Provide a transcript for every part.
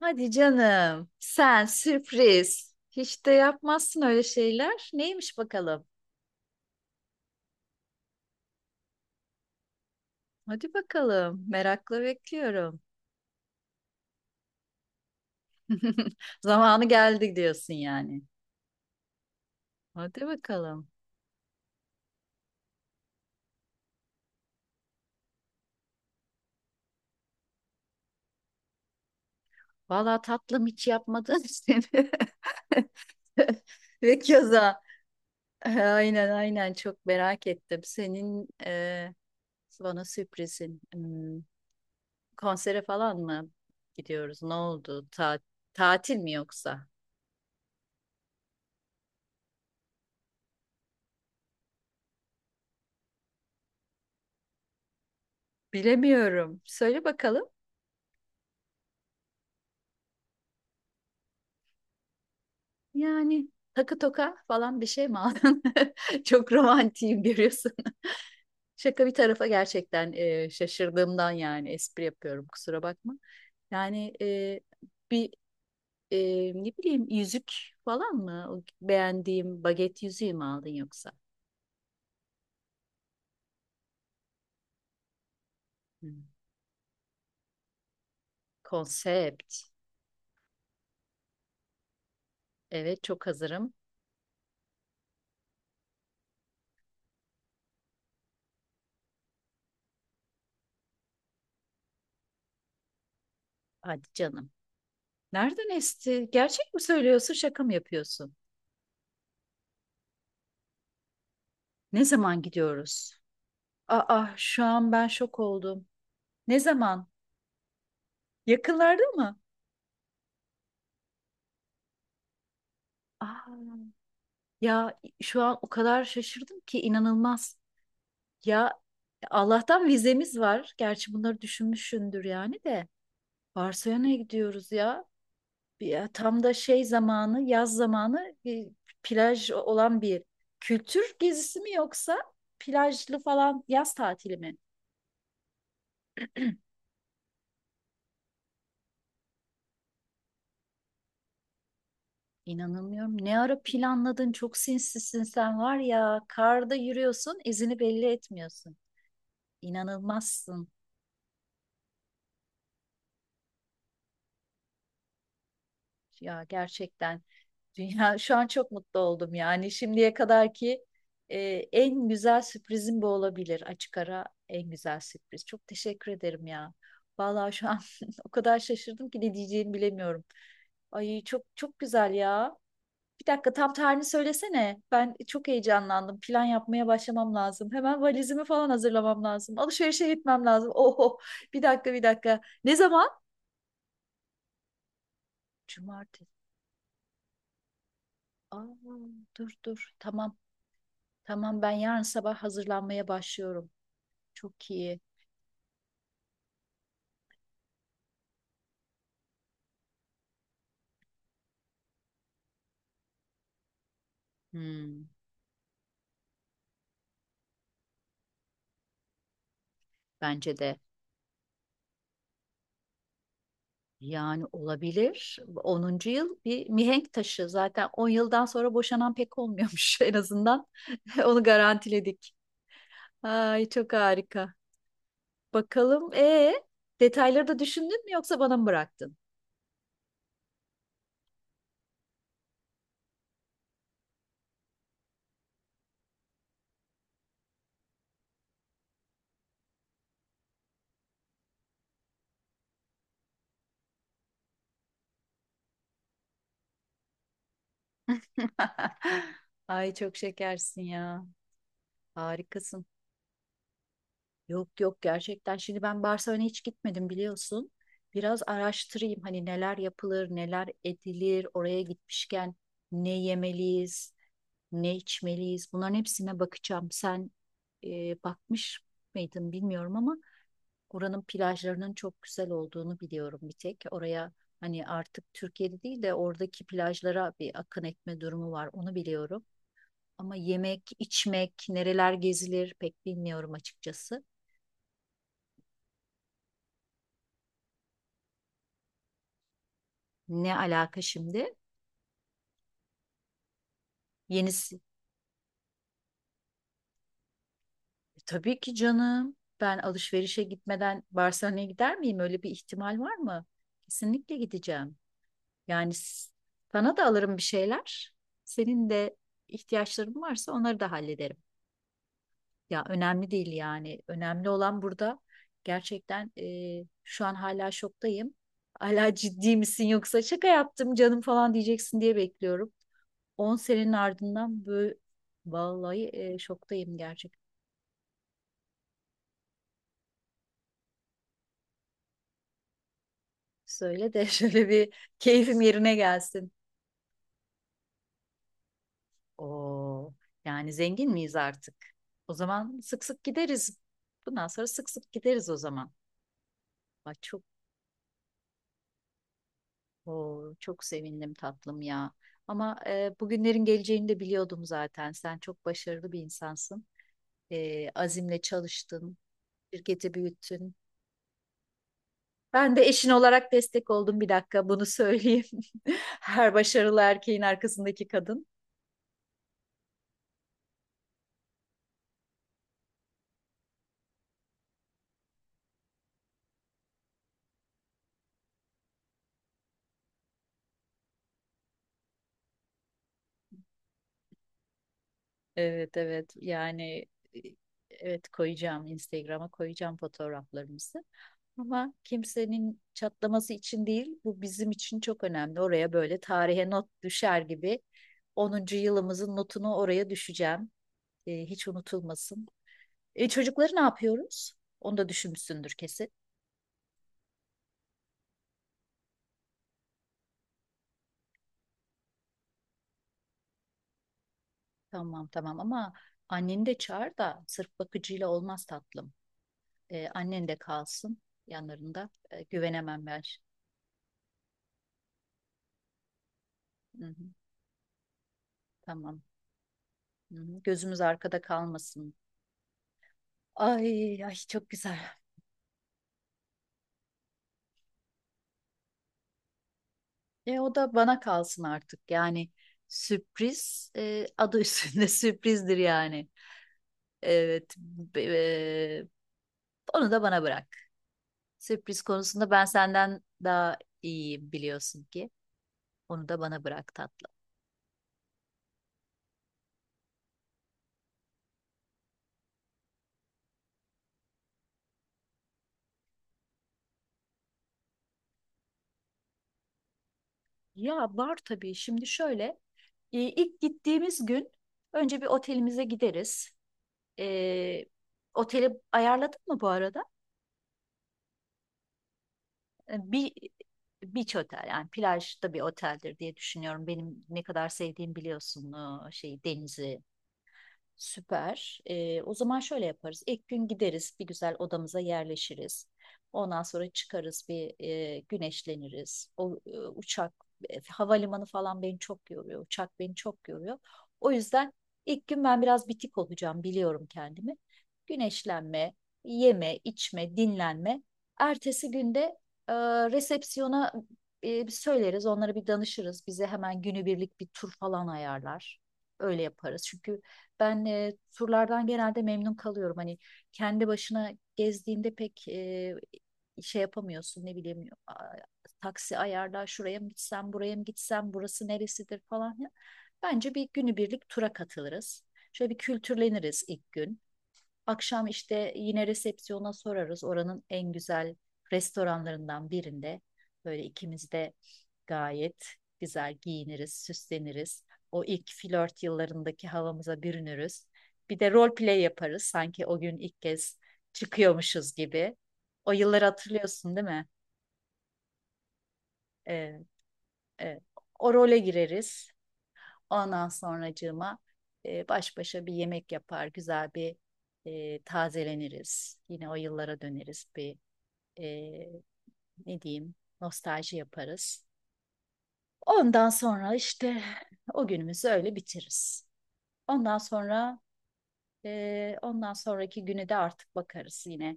Hadi canım. Sen sürpriz. Hiç de yapmazsın öyle şeyler. Neymiş bakalım? Hadi bakalım. Merakla bekliyorum. Zamanı geldi diyorsun yani. Hadi bakalım. Vallahi tatlım hiç yapmadın seni. Ve keza. Aynen aynen, çok merak ettim. Senin bana sürprizin. Konsere falan mı gidiyoruz? Ne oldu? Tatil mi yoksa? Bilemiyorum. Söyle bakalım. Yani takı toka falan bir şey mi aldın? Çok romantiyim görüyorsun. Şaka bir tarafa, gerçekten şaşırdığımdan yani espri yapıyorum, kusura bakma. Yani bir e, ne bileyim yüzük falan mı? O beğendiğim baget yüzüğü mü aldın yoksa? Hmm. Konsept. Evet, çok hazırım. Hadi canım. Nereden esti? Gerçek mi söylüyorsun, şaka mı yapıyorsun? Ne zaman gidiyoruz? Şu an ben şok oldum. Ne zaman? Yakınlarda mı? Aa, Ya şu an o kadar şaşırdım ki inanılmaz. Ya, Allah'tan vizemiz var. Gerçi bunları düşünmüşsündür yani de. Barcelona'ya gidiyoruz ya. Ya tam da şey zamanı, yaz zamanı, plaj olan bir kültür gezisi mi yoksa plajlı falan yaz tatili mi? İnanamıyorum. Ne ara planladın? Çok sinsisin sen var ya. Karda yürüyorsun, izini belli etmiyorsun. İnanılmazsın ya, gerçekten. Dünya şu an çok mutlu oldum yani. Şimdiye kadarki e, en güzel sürprizim bu olabilir. Açık ara en güzel sürpriz. Çok teşekkür ederim ya. Vallahi şu an o kadar şaşırdım ki ne diyeceğimi bilemiyorum. Ay, çok çok güzel ya. Bir dakika, tam tarihini söylesene. Ben çok heyecanlandım. Plan yapmaya başlamam lazım. Hemen valizimi falan hazırlamam lazım. Alışverişe gitmem lazım. Oho, bir dakika bir dakika. Ne zaman? Cumartesi. Aa, Dur dur, tamam. Tamam, ben yarın sabah hazırlanmaya başlıyorum. Çok iyi. Hmm, bence de. Yani olabilir. 10. yıl bir mihenk taşı. Zaten 10 yıldan sonra boşanan pek olmuyormuş en azından. Onu garantiledik. Ay, çok harika. Bakalım, detayları da düşündün mü yoksa bana mı bıraktın? Ay, çok şekersin ya. Harikasın. Yok yok, gerçekten. Şimdi ben Barcelona'ya hiç gitmedim, biliyorsun. Biraz araştırayım, hani neler yapılır, neler edilir, oraya gitmişken ne yemeliyiz, ne içmeliyiz. Bunların hepsine bakacağım. Sen e, bakmış mıydın bilmiyorum ama oranın plajlarının çok güzel olduğunu biliyorum bir tek. Oraya, hani artık Türkiye'de değil de oradaki plajlara bir akın etme durumu var, onu biliyorum. Ama yemek, içmek, nereler gezilir pek bilmiyorum açıkçası. Ne alaka şimdi? Yenisi. Tabii ki canım. Ben alışverişe gitmeden Barcelona'ya gider miyim? Öyle bir ihtimal var mı? Kesinlikle gideceğim. Yani sana da alırım bir şeyler. Senin de ihtiyaçların varsa onları da hallederim. Ya önemli değil yani. Önemli olan burada, gerçekten, şu an hala şoktayım. Hala ciddi misin yoksa şaka yaptım canım falan diyeceksin diye bekliyorum. 10 senenin ardından böyle, vallahi, şoktayım gerçekten. Söyle de şöyle bir keyfim yerine gelsin. Oo, Yani zengin miyiz artık? O zaman sık sık gideriz. Bundan sonra sık sık gideriz o zaman. Ay çok, çok sevindim tatlım ya. Ama bugünlerin geleceğini de biliyordum zaten. Sen çok başarılı bir insansın. Azimle çalıştın, şirketi büyüttün. Ben de eşin olarak destek oldum, bir dakika bunu söyleyeyim. Her başarılı erkeğin arkasındaki kadın. Evet evet, yani, e, evet, koyacağım, Instagram'a koyacağım fotoğraflarımızı ama kimsenin çatlaması için değil, bu bizim için çok önemli, oraya böyle tarihe not düşer gibi 10. yılımızın notunu oraya düşeceğim. Hiç unutulmasın. Çocukları ne yapıyoruz? Onu da düşünmüşsündür kesin. Tamam tamam ama anneni de çağır, da sırf bakıcıyla olmaz tatlım. Annen de kalsın yanlarında. Güvenemem ben. Hı hı. Tamam. Hı hı, gözümüz arkada kalmasın. Ay ay, çok güzel. O da bana kalsın artık. Yani sürpriz, adı üstünde sürprizdir yani. Evet. Onu da bana bırak. Sürpriz konusunda ben senden daha iyiyim, biliyorsun ki. Onu da bana bırak tatlım. Ya var tabii. Şimdi şöyle, ilk gittiğimiz gün önce bir otelimize gideriz. E, Oteli ayarladın mı bu arada? Bir beach otel yani, plajda bir oteldir diye düşünüyorum. Benim ne kadar sevdiğim biliyorsun şey, denizi. Süper. O zaman şöyle yaparız. İlk gün gideriz, bir güzel odamıza yerleşiriz. Ondan sonra çıkarız, bir güneşleniriz. O uçak, havalimanı falan beni çok yoruyor. Uçak beni çok yoruyor. O yüzden ilk gün ben biraz bitik olacağım, biliyorum kendimi. Güneşlenme, yeme, içme, dinlenme. Ertesi günde e, resepsiyona söyleriz, onlara bir danışırız. Bize hemen günübirlik bir tur falan ayarlar. Öyle yaparız. Çünkü ben turlardan genelde memnun kalıyorum. Hani kendi başına gezdiğinde pek şey yapamıyorsun, ne bileyim, taksi ayarla, şuraya mı gitsem buraya mı gitsem, burası neresidir falan ya. Bence bir günübirlik tura katılırız. Şöyle bir kültürleniriz ilk gün. Akşam işte yine resepsiyona sorarız. Oranın en güzel restoranlarından birinde böyle ikimiz de gayet güzel giyiniriz, süsleniriz. O ilk flört yıllarındaki havamıza bürünürüz. Bir de role play yaparız, sanki o gün ilk kez çıkıyormuşuz gibi. O yılları hatırlıyorsun değil mi? Ee, e, O role gireriz. Ondan sonracığıma, baş başa bir yemek yapar, güzel bir, tazeleniriz. Yine o yıllara döneriz, bir, e, ne diyeyim, nostalji yaparız. Ondan sonra işte o günümüzü öyle bitiririz. Ondan sonra, ondan sonraki güne de artık bakarız yine.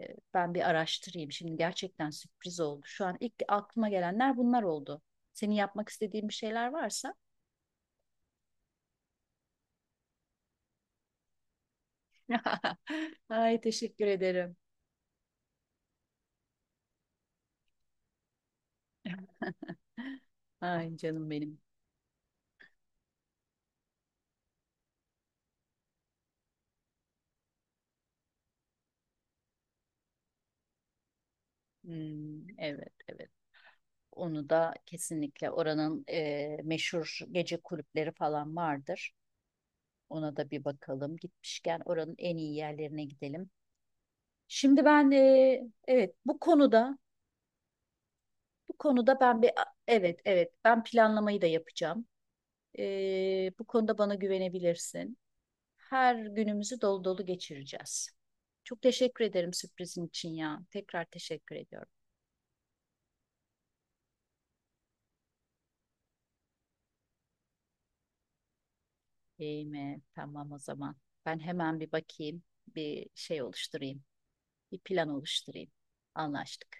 E, Ben bir araştırayım. Şimdi gerçekten sürpriz oldu. Şu an ilk aklıma gelenler bunlar oldu. Senin yapmak istediğin bir şeyler varsa. Ay teşekkür ederim. Ay canım benim. Hmm, evet evet. Onu da kesinlikle, oranın meşhur gece kulüpleri falan vardır. Ona da bir bakalım. Gitmişken oranın en iyi yerlerine gidelim. Şimdi ben, evet, bu konuda, ben bir evet evet, ben planlamayı da yapacağım. Bu konuda bana güvenebilirsin. Her günümüzü dolu dolu geçireceğiz. Çok teşekkür ederim sürprizin için ya. Tekrar teşekkür ediyorum. İyi mi? Tamam o zaman. Ben hemen bir bakayım, bir şey oluşturayım, bir plan oluşturayım. Anlaştık.